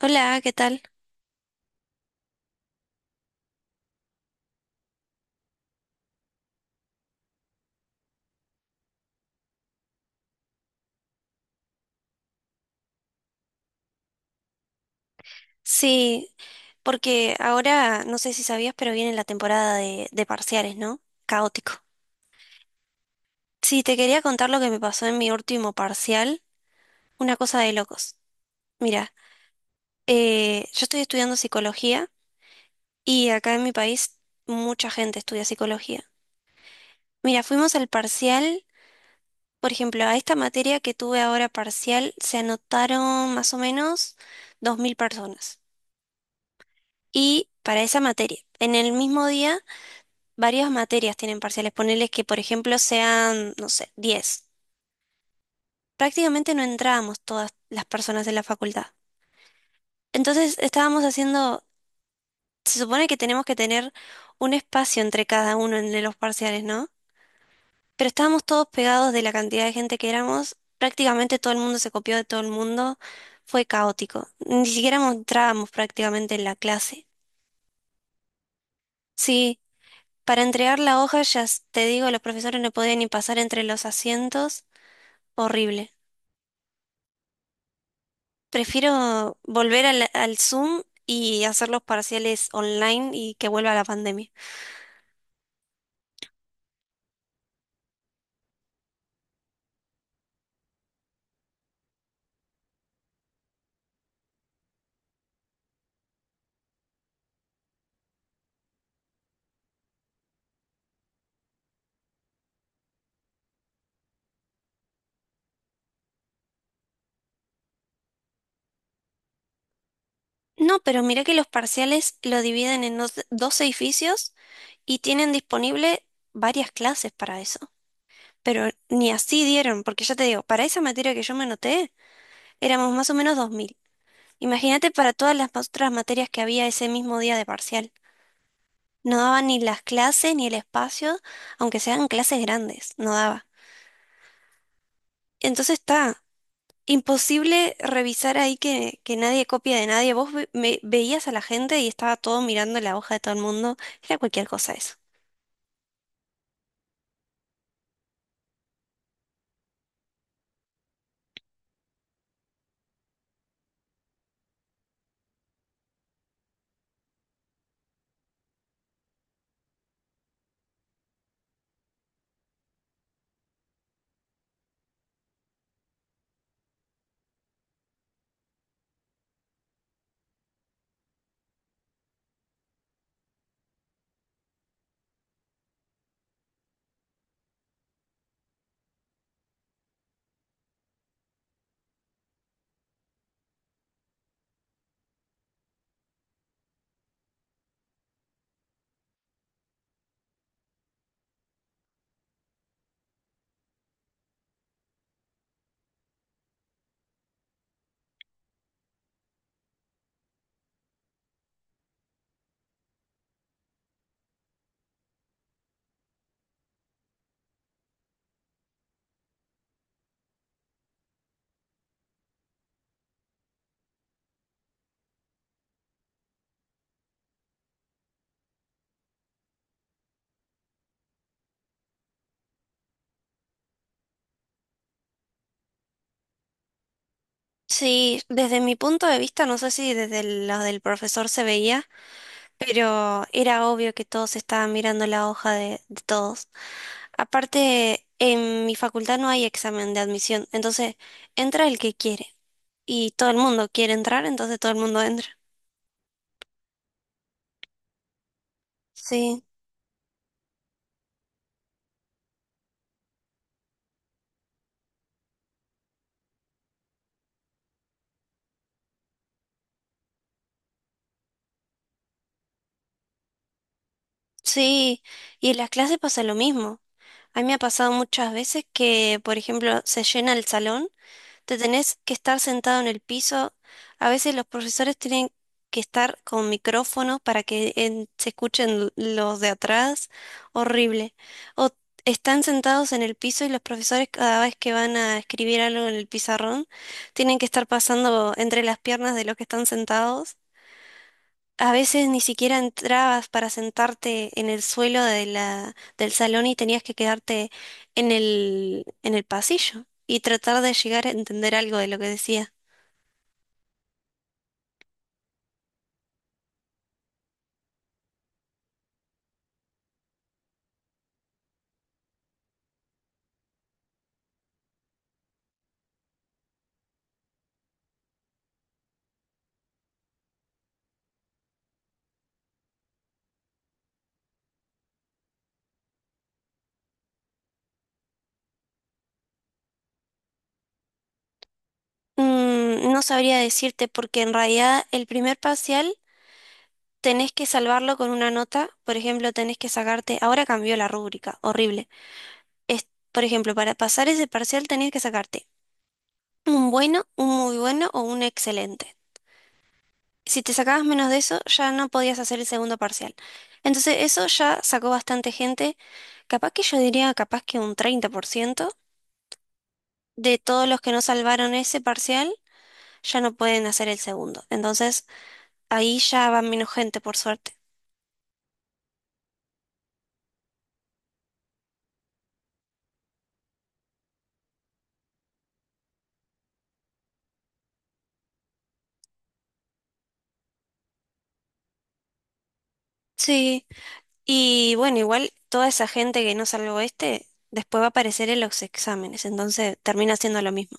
Hola, ¿qué tal? Sí, porque ahora no sé si sabías, pero viene la temporada de parciales, ¿no? Caótico. Sí, te quería contar lo que me pasó en mi último parcial, una cosa de locos. Mira, yo estoy estudiando psicología y acá en mi país mucha gente estudia psicología. Mira, fuimos al parcial, por ejemplo, a esta materia que tuve ahora parcial se anotaron más o menos 2,000 personas. Y para esa materia, en el mismo día varias materias tienen parciales. Ponerles que, por ejemplo, sean, no sé, 10. Prácticamente no entrábamos todas las personas en la facultad. Entonces estábamos haciendo, se supone que tenemos que tener un espacio entre cada uno en los parciales, ¿no? Pero estábamos todos pegados de la cantidad de gente que éramos. Prácticamente todo el mundo se copió de todo el mundo. Fue caótico. Ni siquiera entrábamos prácticamente en la clase. Sí, para entregar la hoja, ya te digo, los profesores no podían ni pasar entre los asientos. Horrible. Prefiero volver al Zoom y hacer los parciales online y que vuelva la pandemia. No, pero mirá que los parciales lo dividen en dos edificios y tienen disponible varias clases para eso. Pero ni así dieron, porque ya te digo, para esa materia que yo me anoté, éramos más o menos 2,000. Imagínate para todas las otras materias que había ese mismo día de parcial. No daba ni las clases ni el espacio, aunque sean clases grandes, no daba. Entonces está. Imposible revisar ahí que nadie copia de nadie. Vos veías a la gente y estaba todo mirando la hoja de todo el mundo. Era cualquier cosa eso. Sí, desde mi punto de vista, no sé si desde el lado del profesor se veía, pero era obvio que todos estaban mirando la hoja de todos. Aparte, en mi facultad no hay examen de admisión, entonces entra el que quiere y todo el mundo quiere entrar, entonces todo el mundo entra. Sí. Sí, y en las clases pasa lo mismo. A mí me ha pasado muchas veces que, por ejemplo, se llena el salón, te tenés que estar sentado en el piso. A veces los profesores tienen que estar con micrófonos para que se escuchen los de atrás. Horrible. O están sentados en el piso y los profesores cada vez que van a escribir algo en el pizarrón, tienen que estar pasando entre las piernas de los que están sentados. A veces ni siquiera entrabas para sentarte en el suelo de del salón y tenías que quedarte en el pasillo y tratar de llegar a entender algo de lo que decía. Mm, no sabría decirte porque en realidad el primer parcial tenés que salvarlo con una nota. Por ejemplo, tenés que sacarte, ahora cambió la rúbrica, horrible. Es, por ejemplo, para pasar ese parcial tenías que sacarte un bueno, un muy bueno o un excelente. Si te sacabas menos de eso, ya no podías hacer el segundo parcial. Entonces, eso ya sacó bastante gente, capaz que yo diría, capaz que un 30% de todos los que no salvaron ese parcial ya no pueden hacer el segundo. Entonces, ahí ya va menos gente, por suerte. Sí, y bueno, igual toda esa gente que no salvó este, después va a aparecer en los exámenes, entonces termina siendo lo mismo.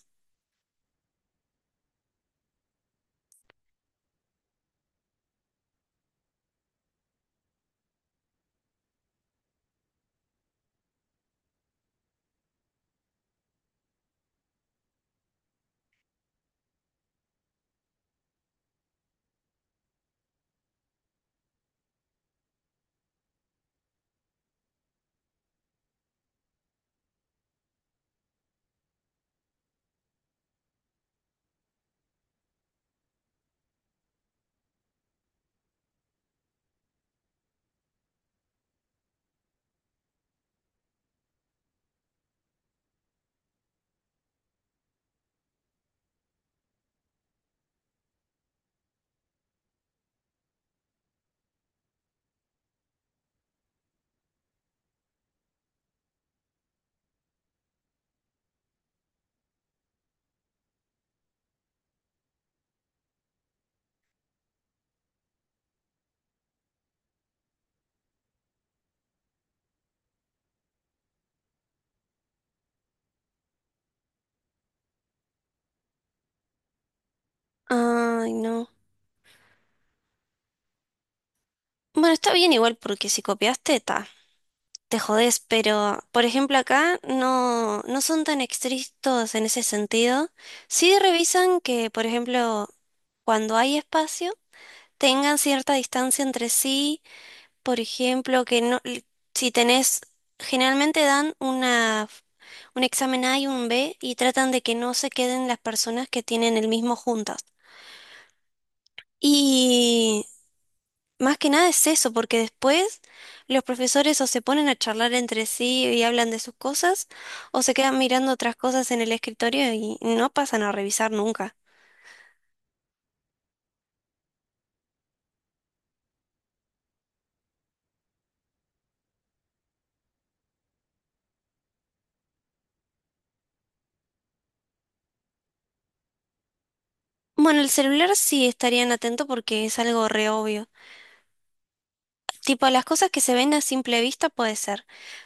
Ay, no. Bueno, está bien igual porque si copiaste, está. Te jodés, pero por ejemplo acá no, no son tan estrictos en ese sentido. Sí revisan que, por ejemplo, cuando hay espacio, tengan cierta distancia entre sí, por ejemplo, que no, si tenés, generalmente dan un examen A y un B y tratan de que no se queden las personas que tienen el mismo juntas. Más que nada es eso, porque después los profesores o se ponen a charlar entre sí y hablan de sus cosas, o se quedan mirando otras cosas en el escritorio y no pasan a revisar nunca. Bueno, el celular sí estarían atentos porque es algo re obvio. Tipo, las cosas que se ven a simple vista puede ser,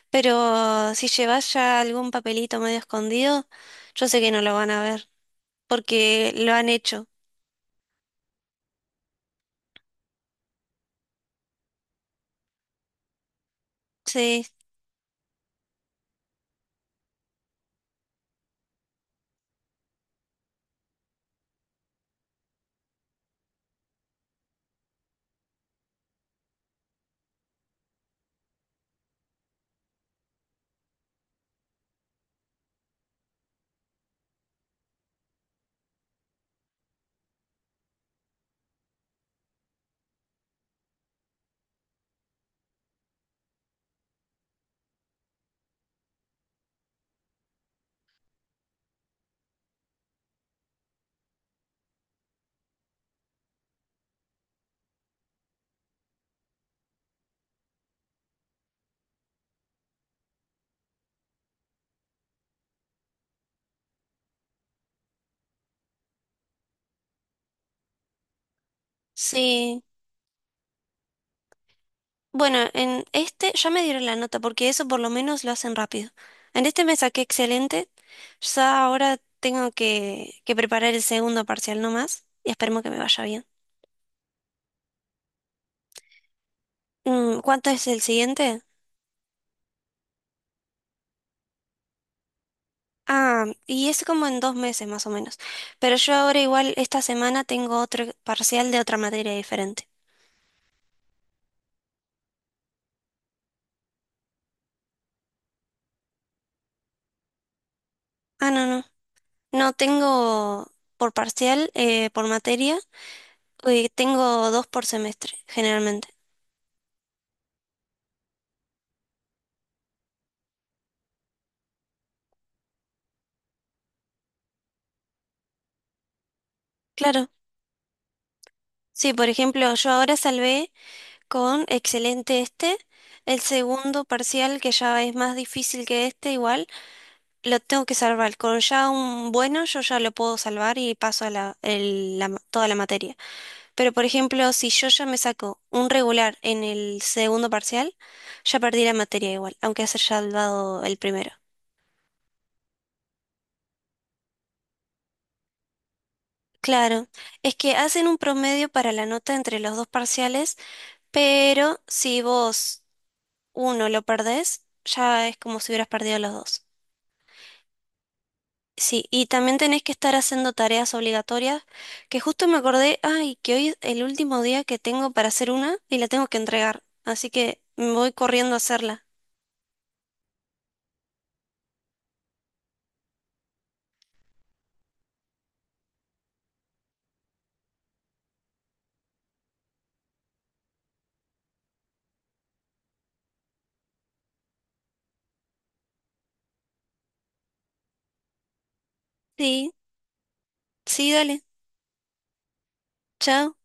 pero si llevas ya algún papelito medio escondido, yo sé que no lo van a ver, porque lo han hecho. Sí, sí. Bueno, en este ya me dieron la nota porque eso por lo menos lo hacen rápido. En este me saqué excelente. Ya ahora tengo que preparar el segundo parcial nomás y esperemos que me vaya bien. Mm, ¿cuánto es el siguiente? Ah, y es como en 2 meses más o menos. Pero yo ahora igual esta semana tengo otro parcial de otra materia diferente. Ah, no, no. No tengo por parcial, por materia, tengo dos por semestre, generalmente. Claro. Sí, por ejemplo, yo ahora salvé con excelente este. El segundo parcial, que ya es más difícil que este, igual, lo tengo que salvar. Con ya un bueno, yo ya lo puedo salvar y paso a la, el- la ma- toda la materia. Pero, por ejemplo, si yo ya me saco un regular en el segundo parcial, ya perdí la materia igual, aunque haya salvado el primero. Claro, es que hacen un promedio para la nota entre los dos parciales, pero si vos uno lo perdés, ya es como si hubieras perdido los dos. Sí, y también tenés que estar haciendo tareas obligatorias, que justo me acordé, ay, que hoy es el último día que tengo para hacer una y la tengo que entregar, así que me voy corriendo a hacerla. Sí, sí, dale, chao.